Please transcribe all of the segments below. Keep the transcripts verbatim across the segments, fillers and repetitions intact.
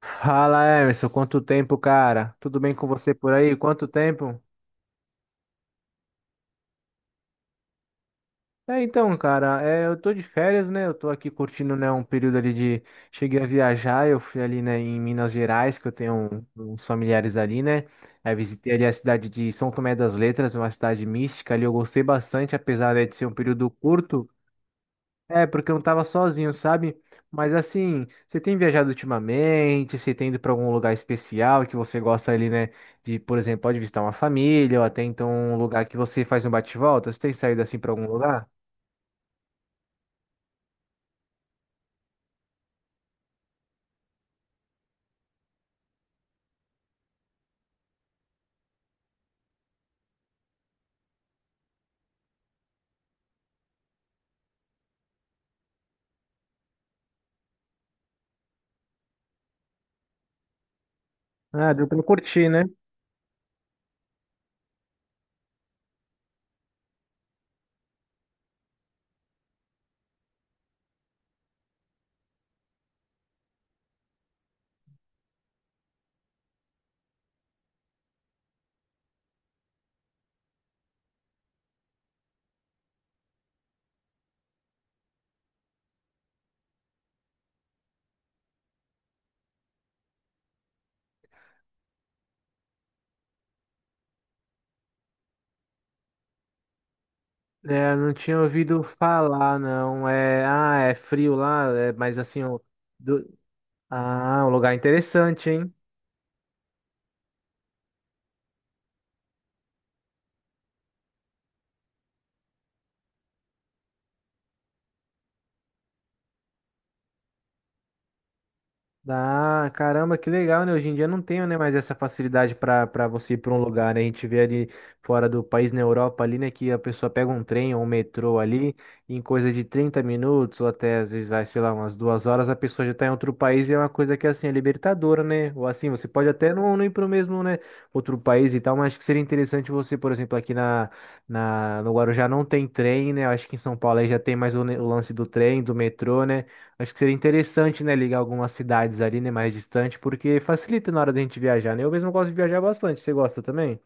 Fala, Emerson, quanto tempo, cara? Tudo bem com você por aí? Quanto tempo? É, então, cara, é, eu tô de férias, né? Eu tô aqui curtindo, né, um período ali de... Cheguei a viajar, eu fui ali, né, em Minas Gerais, que eu tenho um- uns familiares ali, né? Aí visitei ali a cidade de São Tomé das Letras, uma cidade mística ali, eu gostei bastante, apesar, né, de ser um período curto. É, porque eu não tava sozinho, sabe? Mas assim, você tem viajado ultimamente? Você tem ido pra algum lugar especial que você gosta ali, né? De, por exemplo, pode visitar uma família ou até então um lugar que você faz um bate-volta? Você tem saído assim pra algum lugar? Ah, deu pra curtir, né? É, não tinha ouvido falar, não. É, ah, é frio lá, é, mas assim, o- do- ah, um lugar interessante, hein? Ah, caramba, que legal, né? Hoje em dia não tenho, né, mais essa facilidade para para você ir para um lugar, né? A gente vê ali fora do país, na Europa ali, né, que a pessoa pega um trem ou um metrô ali, e em coisa de trinta minutos ou até às vezes vai, sei lá, umas duas horas, a pessoa já tá em outro país e é uma coisa que assim é libertadora, né? Ou assim, você pode até não, não ir para o mesmo, né, outro país e tal, mas acho que seria interessante você, por exemplo, aqui na, na no Guarujá não tem trem, né? Eu acho que em São Paulo aí já tem mais o, ne- o lance do trem, do metrô, né? Acho que seria interessante, né, ligar algumas cidades ali, né, mais distante, porque facilita na hora da gente viajar, né? Eu mesmo gosto de viajar bastante. Você gosta também?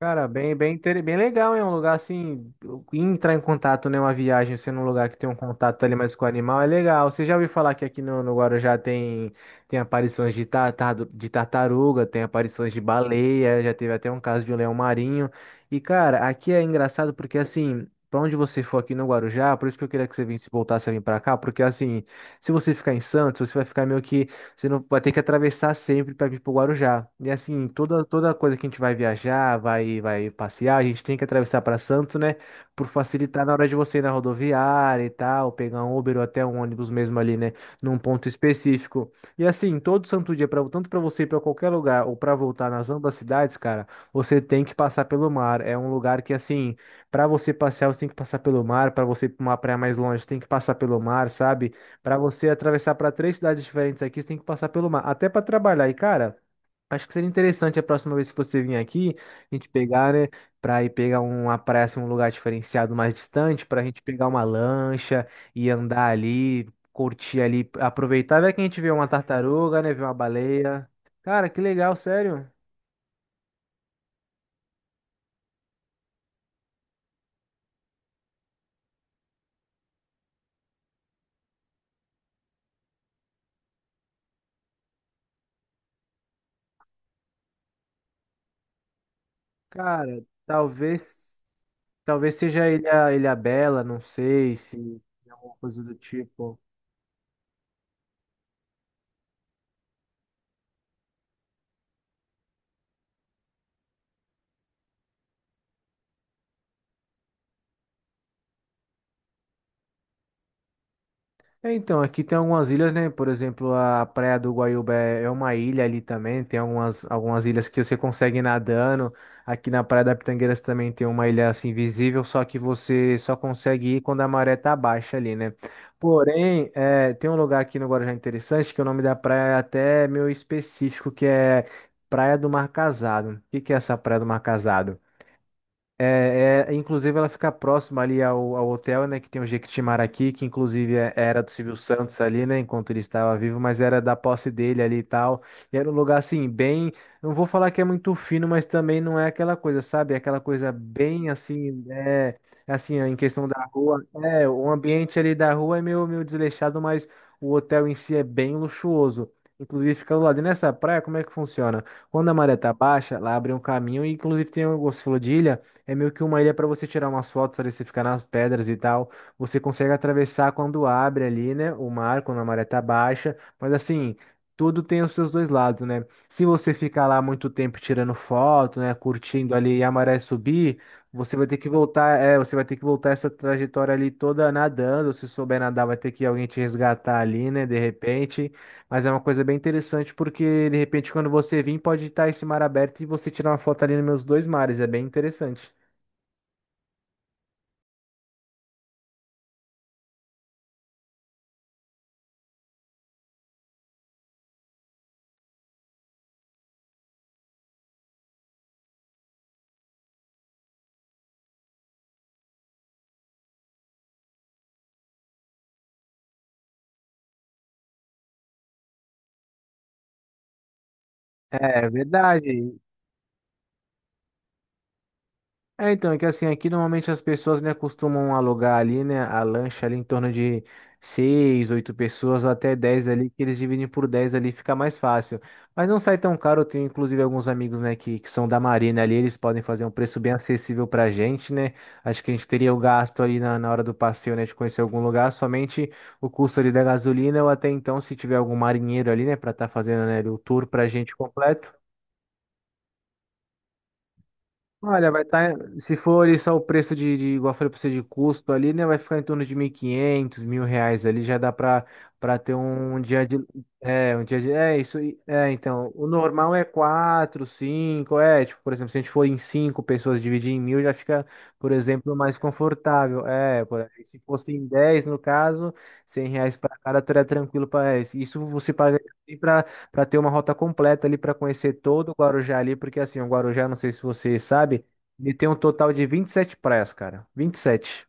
Cara, bem, bem, inter- bem legal, é um lugar assim, entrar em contato, né, uma viagem, sendo um lugar que tem um contato ali mais com o animal, é legal. Você já ouviu falar que aqui no, no Guarujá tem, tem aparições de, tartar, de tartaruga, tem aparições de baleia, já teve até um caso de um leão marinho. E, cara, aqui é engraçado porque, assim, pra onde você for aqui no Guarujá, por isso que eu queria que você visse, voltasse a vir pra cá, porque, assim, se você ficar em Santos, você vai ficar meio que você não vai ter que atravessar sempre para vir para o Guarujá. E assim, toda, toda coisa que a gente vai viajar, vai, vai passear, a gente tem que atravessar para Santos, né? Por facilitar na hora de você ir na rodoviária e tal, pegar um Uber ou até um ônibus mesmo ali, né? Num ponto específico. E assim, todo santo dia, pra, tanto para você ir para qualquer lugar ou para voltar nas ambas cidades, cara, você tem que passar pelo mar. É um lugar que, assim, para você passear, você tem que passar pelo mar. Para você ir para uma praia mais longe, você tem que passar pelo mar, sabe? Para você atravessar para três cidades diferentes aqui, você tem que passar pelo mar, até para trabalhar. E, cara, acho que seria interessante a próxima vez que você vir aqui, a gente pegar, né, para ir pegar uma praia, assim, um lugar diferenciado mais distante, para a gente pegar uma lancha e andar ali, curtir ali, aproveitar, vai que a gente vê uma tartaruga, né, vê uma baleia. Cara, que legal, sério. Cara, talvez, talvez seja Ilha, Ilha Bela, não sei se é alguma coisa do tipo. É, então, aqui tem algumas ilhas, né? Por exemplo, a Praia do Guaíba é é uma ilha ali também. Tem algumas, algumas ilhas que você consegue ir nadando. Aqui na Praia da Pitangueiras também tem uma ilha assim visível, só que você só consegue ir quando a maré tá baixa ali, né? Porém, é, tem um lugar aqui no Guarujá interessante que o nome da praia é até meio específico, que é Praia do Mar Casado. O que que é essa Praia do Mar Casado? É, é, inclusive ela fica próxima ali ao, ao hotel, né, que tem o Jequitimaraquí, que inclusive é- é, era do Silvio Santos ali, né, enquanto ele estava vivo, mas era da posse dele ali e tal. E era um lugar assim, bem, não vou falar que é muito fino, mas também não é aquela coisa, sabe? É aquela coisa bem assim, é, assim, em questão da rua, é, o ambiente ali da rua é meio, meio desleixado, mas o hotel em si é bem luxuoso. Inclusive fica do lado. E nessa praia, como é que funciona? Quando a maré tá baixa, lá abre um caminho e inclusive tem um, você falou de ilha, é meio que uma ilha para você tirar umas fotos ali, você ficar nas pedras e tal. Você consegue atravessar quando abre ali, né? O mar, quando a maré tá baixa. Mas assim, tudo tem os seus dois lados, né? Se você ficar lá muito tempo tirando foto, né? Curtindo ali e a maré subir, você vai ter que voltar, é, você vai ter que voltar essa trajetória ali toda nadando. Se souber nadar, vai ter que alguém te resgatar ali, né? De repente. Mas é uma coisa bem interessante porque, de repente, quando você vir, pode estar esse mar aberto e você tirar uma foto ali nos meus dois mares. É bem interessante. É verdade. É, então, é que assim, aqui normalmente as pessoas, né, costumam alugar ali, né, a lancha ali em torno de seis, oito pessoas, até dez ali, que eles dividem por dez ali, fica mais fácil. Mas não sai tão caro, eu tenho inclusive alguns amigos, né, que, que são da Marina ali, eles podem fazer um preço bem acessível pra gente, né? Acho que a gente teria o gasto ali na, na hora do passeio, né, de conhecer algum lugar, somente o custo ali da gasolina, ou até então, se tiver algum marinheiro ali, né, pra estar fazendo, né, o tour pra gente completo. Olha, vai estar, se for ali só o preço de, de, igual eu falei pra você, de custo ali, né, vai ficar em torno de mil e quinhentos mil reais ali, já dá pra, pra ter um dia de, é, um dia de, é, isso, aí, é, então, o normal é quatro, cinco, é, tipo, por exemplo, se a gente for em cinco pessoas dividir em mil, já fica, por exemplo, mais confortável, é, por, aí, se fosse em dez, no caso, cem reais pra cada, teria tranquilo pra, é, isso você paga para ter uma rota completa ali para conhecer todo o Guarujá ali, porque assim, o Guarujá, não sei se você sabe, ele tem um total de vinte e sete praias, cara. vinte vinte e sete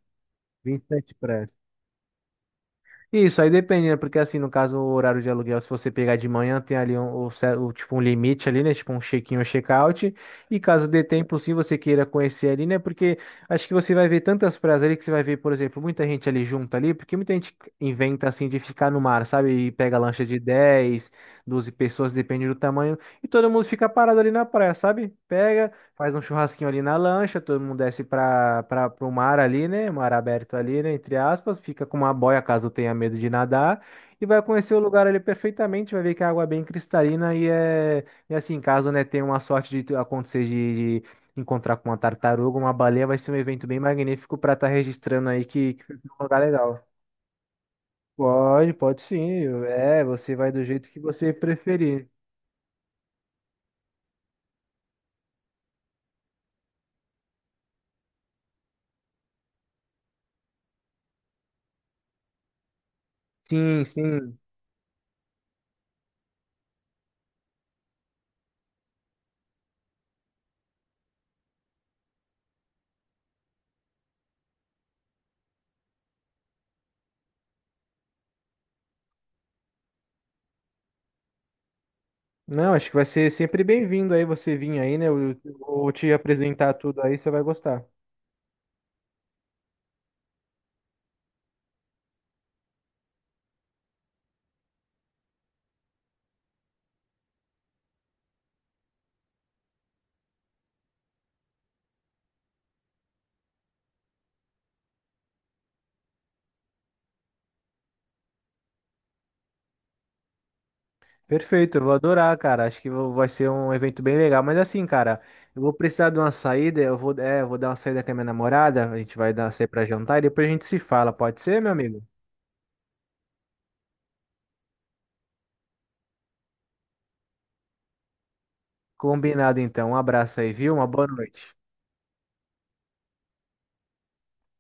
vinte e sete praias. Isso, aí dependendo, porque assim, no caso, o horário de aluguel, se você pegar de manhã, tem ali um, o ce- o tipo, um limite ali, né? Tipo um check-in ou check-out. E caso dê tempo, sim, você queira conhecer ali, né? Porque acho que você vai ver tantas praias ali que você vai ver, por exemplo, muita gente ali junta ali, porque muita gente inventa assim de ficar no mar, sabe? E pega lancha de dez doze pessoas, depende do tamanho, e todo mundo fica parado ali na praia, sabe? Pega. Faz um churrasquinho ali na lancha, todo mundo desce para para o mar ali, né? Mar aberto ali, né? Entre aspas, fica com uma boia caso tenha medo de nadar e vai conhecer o lugar ali perfeitamente, vai ver que a água é bem cristalina e é e assim, caso, né, tenha uma sorte de tu- acontecer de, de encontrar com uma tartaruga, uma baleia, vai ser um evento bem magnífico para estar registrando aí que, que foi um lugar legal. Pode, pode sim. É, você vai do jeito que você preferir. Sim, sim. Não, acho que vai ser sempre bem-vindo aí você vir aí, né? Eu eu vou te apresentar tudo aí, você vai gostar. Perfeito, eu vou adorar, cara. Acho que vou- vai ser um evento bem legal. Mas assim, cara, eu vou precisar de uma saída. Eu vou, é, eu vou dar uma saída com a minha namorada. A gente vai dar sair pra jantar e depois a gente se fala. Pode ser, meu amigo? Combinado, então. Um abraço aí, viu? Uma boa noite.